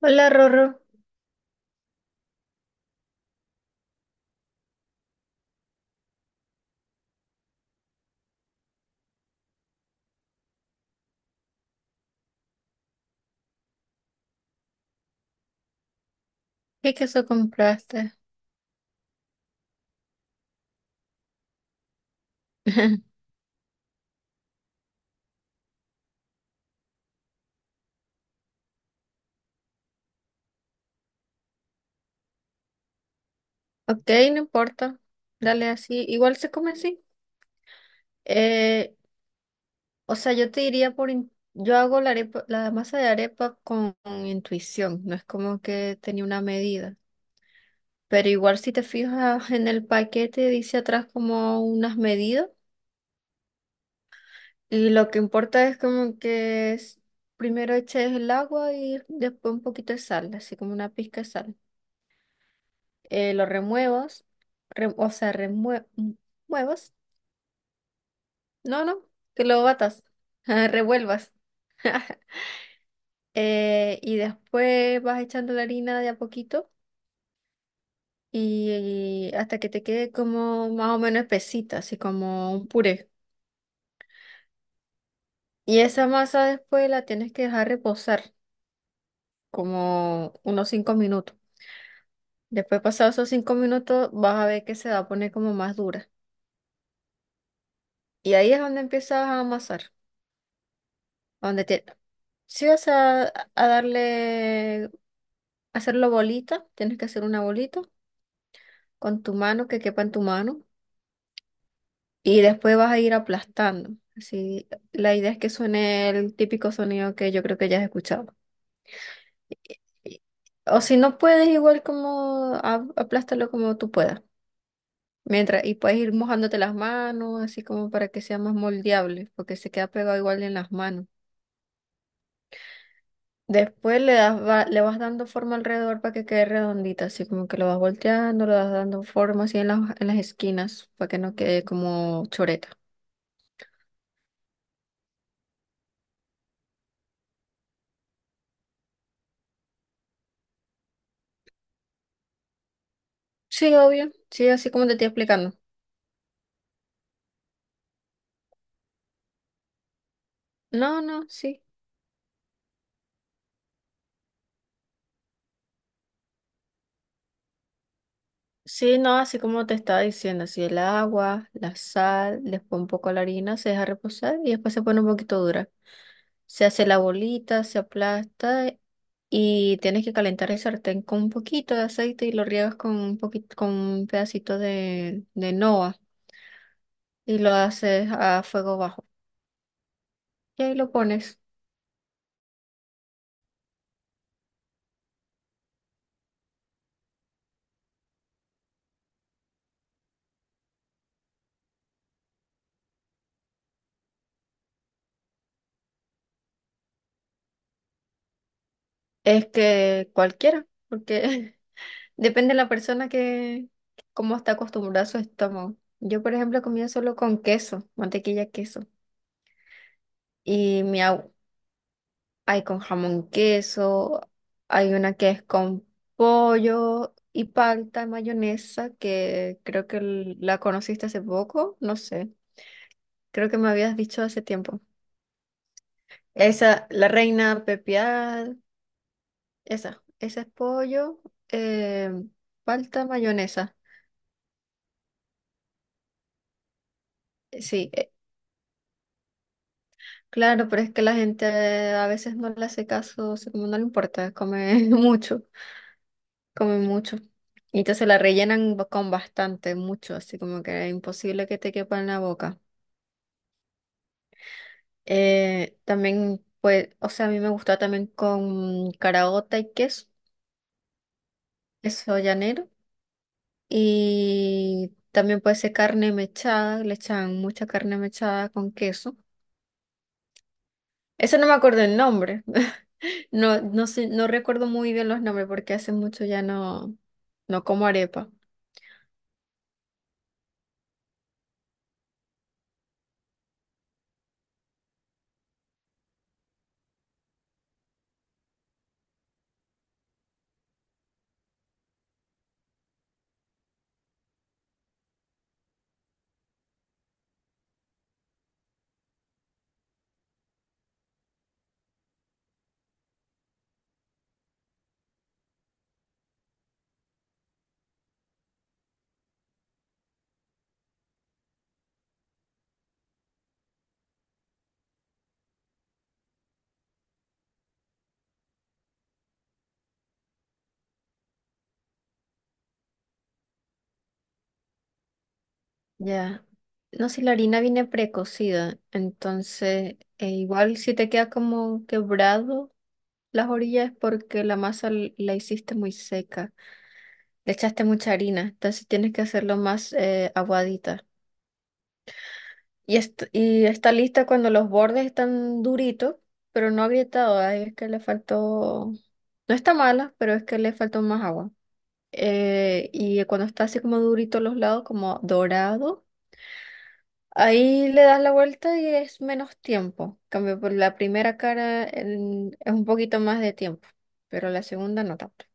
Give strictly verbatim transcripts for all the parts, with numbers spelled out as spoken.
Hola Rorro, ¿qué queso compraste? Ok, no importa, dale así, igual se come así. Eh, o sea, yo te diría por, in- yo hago la arepa, la masa de arepa con intuición, no es como que tenía una medida, pero igual si te fijas en el paquete dice atrás como unas medidas, y lo que importa es como que es- primero eches el agua y después un poquito de sal, así como una pizca de sal. Eh, lo remuevos, re- o sea, remue- muevos. No, no, que lo batas, revuelvas. Eh, y después vas echando la harina de a poquito y, y hasta que te quede como más o menos espesita, así como un puré. Y esa masa después la tienes que dejar reposar como unos cinco minutos. Después, pasados esos cinco minutos, vas a ver que se va a poner como más dura. Y ahí es donde empiezas a amasar, donde te, sí, o sea, a a darle, hacerlo bolita. Tienes que hacer una bolita con tu mano, que quepa en tu mano, y después vas a ir aplastando. Así, la idea es que suene el típico sonido que yo creo que ya has escuchado. Y- y- O si no puedes, igual como a- aplástalo como tú puedas. Mientras, y puedes ir mojándote las manos, así como para que sea más moldeable, porque se queda pegado igual en las manos. Después le das, va- le vas dando forma alrededor para que quede redondita, así como que lo vas volteando, le vas dando forma así en las, en las esquinas para que no quede como choreta. Sí, obvio, sí, así como te estoy explicando. No, no, sí. Sí, no, así como te estaba diciendo, así el agua, la sal, después un poco la harina, se deja reposar y después se pone un poquito dura. Se hace la bolita, se aplasta, y tienes que calentar el sartén con un poquito de aceite y lo riegas con un poquito, con un pedacito de, de noa. Y lo haces a fuego bajo. Y ahí lo pones. Es que cualquiera, porque depende de la persona, que, cómo está acostumbrada a su estómago. Yo, por ejemplo, comía solo con queso, mantequilla, queso. Y mi abu- Hay con jamón, queso, hay una que es con pollo y palta, mayonesa, que creo que l- la conociste hace poco, no sé. Creo que me habías dicho hace tiempo. Esa, la reina pepiada. Esa, esa es pollo, em, falta mayonesa. Eh, Sí, eh, claro, pero es que la gente, eh, a veces no le hace caso, o sea, como no le importa, come mucho, come mucho. Y entonces la rellenan ba- con bastante, mucho, así como que es imposible que te quepa en la boca. Eh, también, pues, o sea, a mí me gusta también con caraota y queso, queso llanero. Y también puede ser carne mechada, le echan mucha carne mechada con queso. Eso no me acuerdo el nombre. No, no sé, no recuerdo muy bien los nombres porque hace mucho ya no, no como arepa. Ya. No sé, la harina viene precocida, entonces eh, igual si te queda como quebrado las orillas, es porque la masa l- la hiciste muy seca, le echaste mucha harina, entonces tienes que hacerlo más, eh, aguadita. Y, est- y está lista cuando los bordes están duritos, pero no agrietados. Ahí es que le faltó. No está mala, pero es que le faltó más agua. Eh, y cuando está así como durito los lados, como dorado, ahí le das la vuelta y es menos tiempo. En cambio, por la primera cara en- es un poquito más de tiempo, pero la segunda no tanto.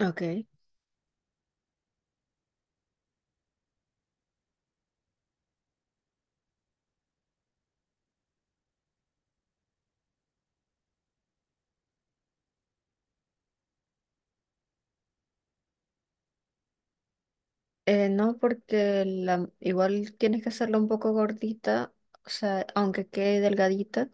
Okay. Eh, no, porque la, igual tienes que hacerla un poco gordita, o sea, aunque quede delgadita.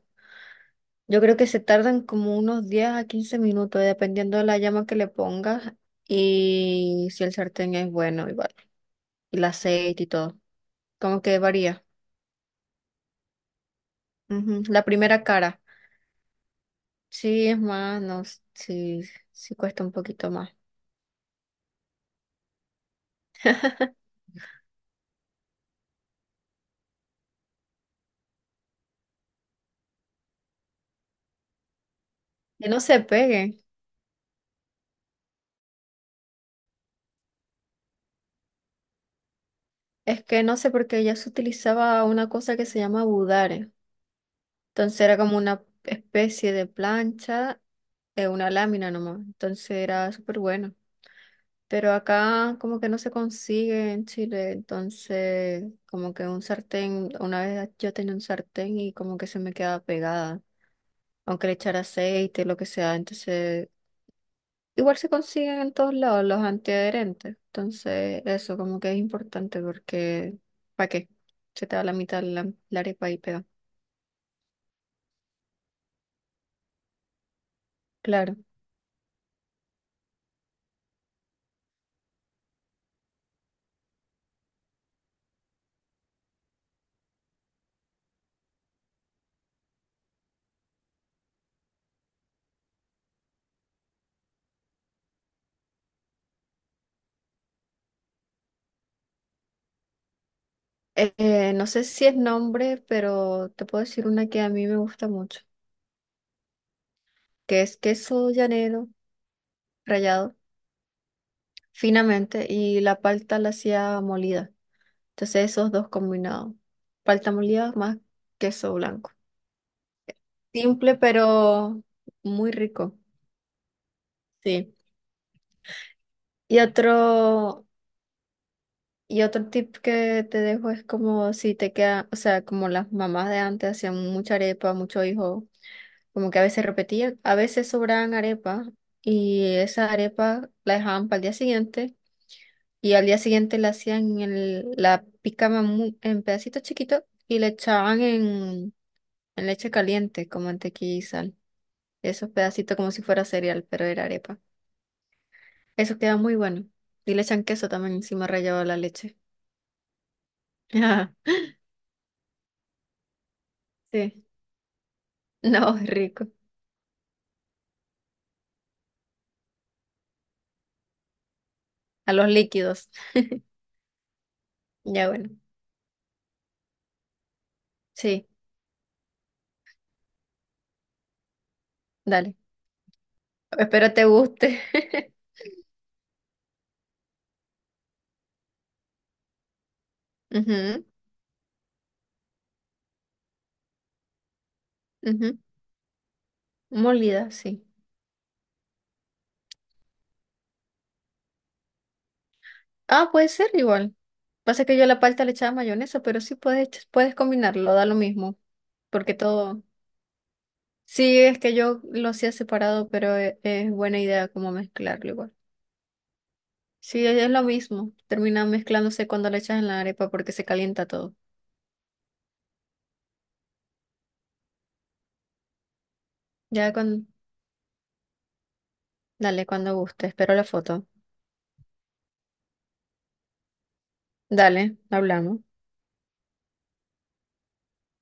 Yo creo que se tardan como unos diez a quince minutos, dependiendo de la llama que le pongas y si el sartén es bueno, igual. Y el aceite y todo. Como que varía. Ujú. La primera cara. Sí, es más, no, sí, sí cuesta un poquito más. Que no se pegue. Es que no sé, porque ya se utilizaba una cosa que se llama budare. Entonces era como una especie de plancha, eh, una lámina nomás. Entonces era súper bueno. Pero acá como que no se consigue en Chile, entonces como que un sartén, una vez yo tenía un sartén y como que se me quedaba pegada, aunque le echara aceite, lo que sea, entonces igual se consiguen en todos lados los antiadherentes, entonces eso como que es importante porque ¿para qué? Se te va la mitad la, la arepa y pega. Claro. Eh, eh, no sé si es nombre, pero te puedo decir una que a mí me gusta mucho, que es queso llanero rallado finamente y la palta la hacía molida. Entonces esos dos combinados, palta molida más queso blanco. Simple pero muy rico, sí. Y otro, y otro tip que te dejo es como si te queda, o sea, como las mamás de antes hacían mucha arepa, mucho hijo, como que a veces repetían, a veces sobraban arepa, y esa arepa la dejaban para el día siguiente. Y al día siguiente la hacían en el- la picaban mu- en pedacitos chiquitos y le echaban en, en leche caliente con mantequilla y sal. Esos pedacitos como si fuera cereal, pero era arepa. Eso queda muy bueno. Y le echan queso también encima rallado de la leche. Sí. No, es rico. A los líquidos. Ya, bueno. Sí, dale. Espero te guste. Ujú, ujú. Molida, sí. Ah, puede ser igual. Pasa que yo a la palta le echaba mayonesa, pero sí puedes, ech- puedes combinarlo, da lo mismo. Porque todo. Sí, es que yo lo hacía separado, pero e- es, buena idea como mezclarlo igual. Sí, es es lo mismo. Termina mezclándose cuando le echas en la arepa porque se calienta todo. Ya con. Dale, cuando guste. Espero la foto. Dale, hablamos.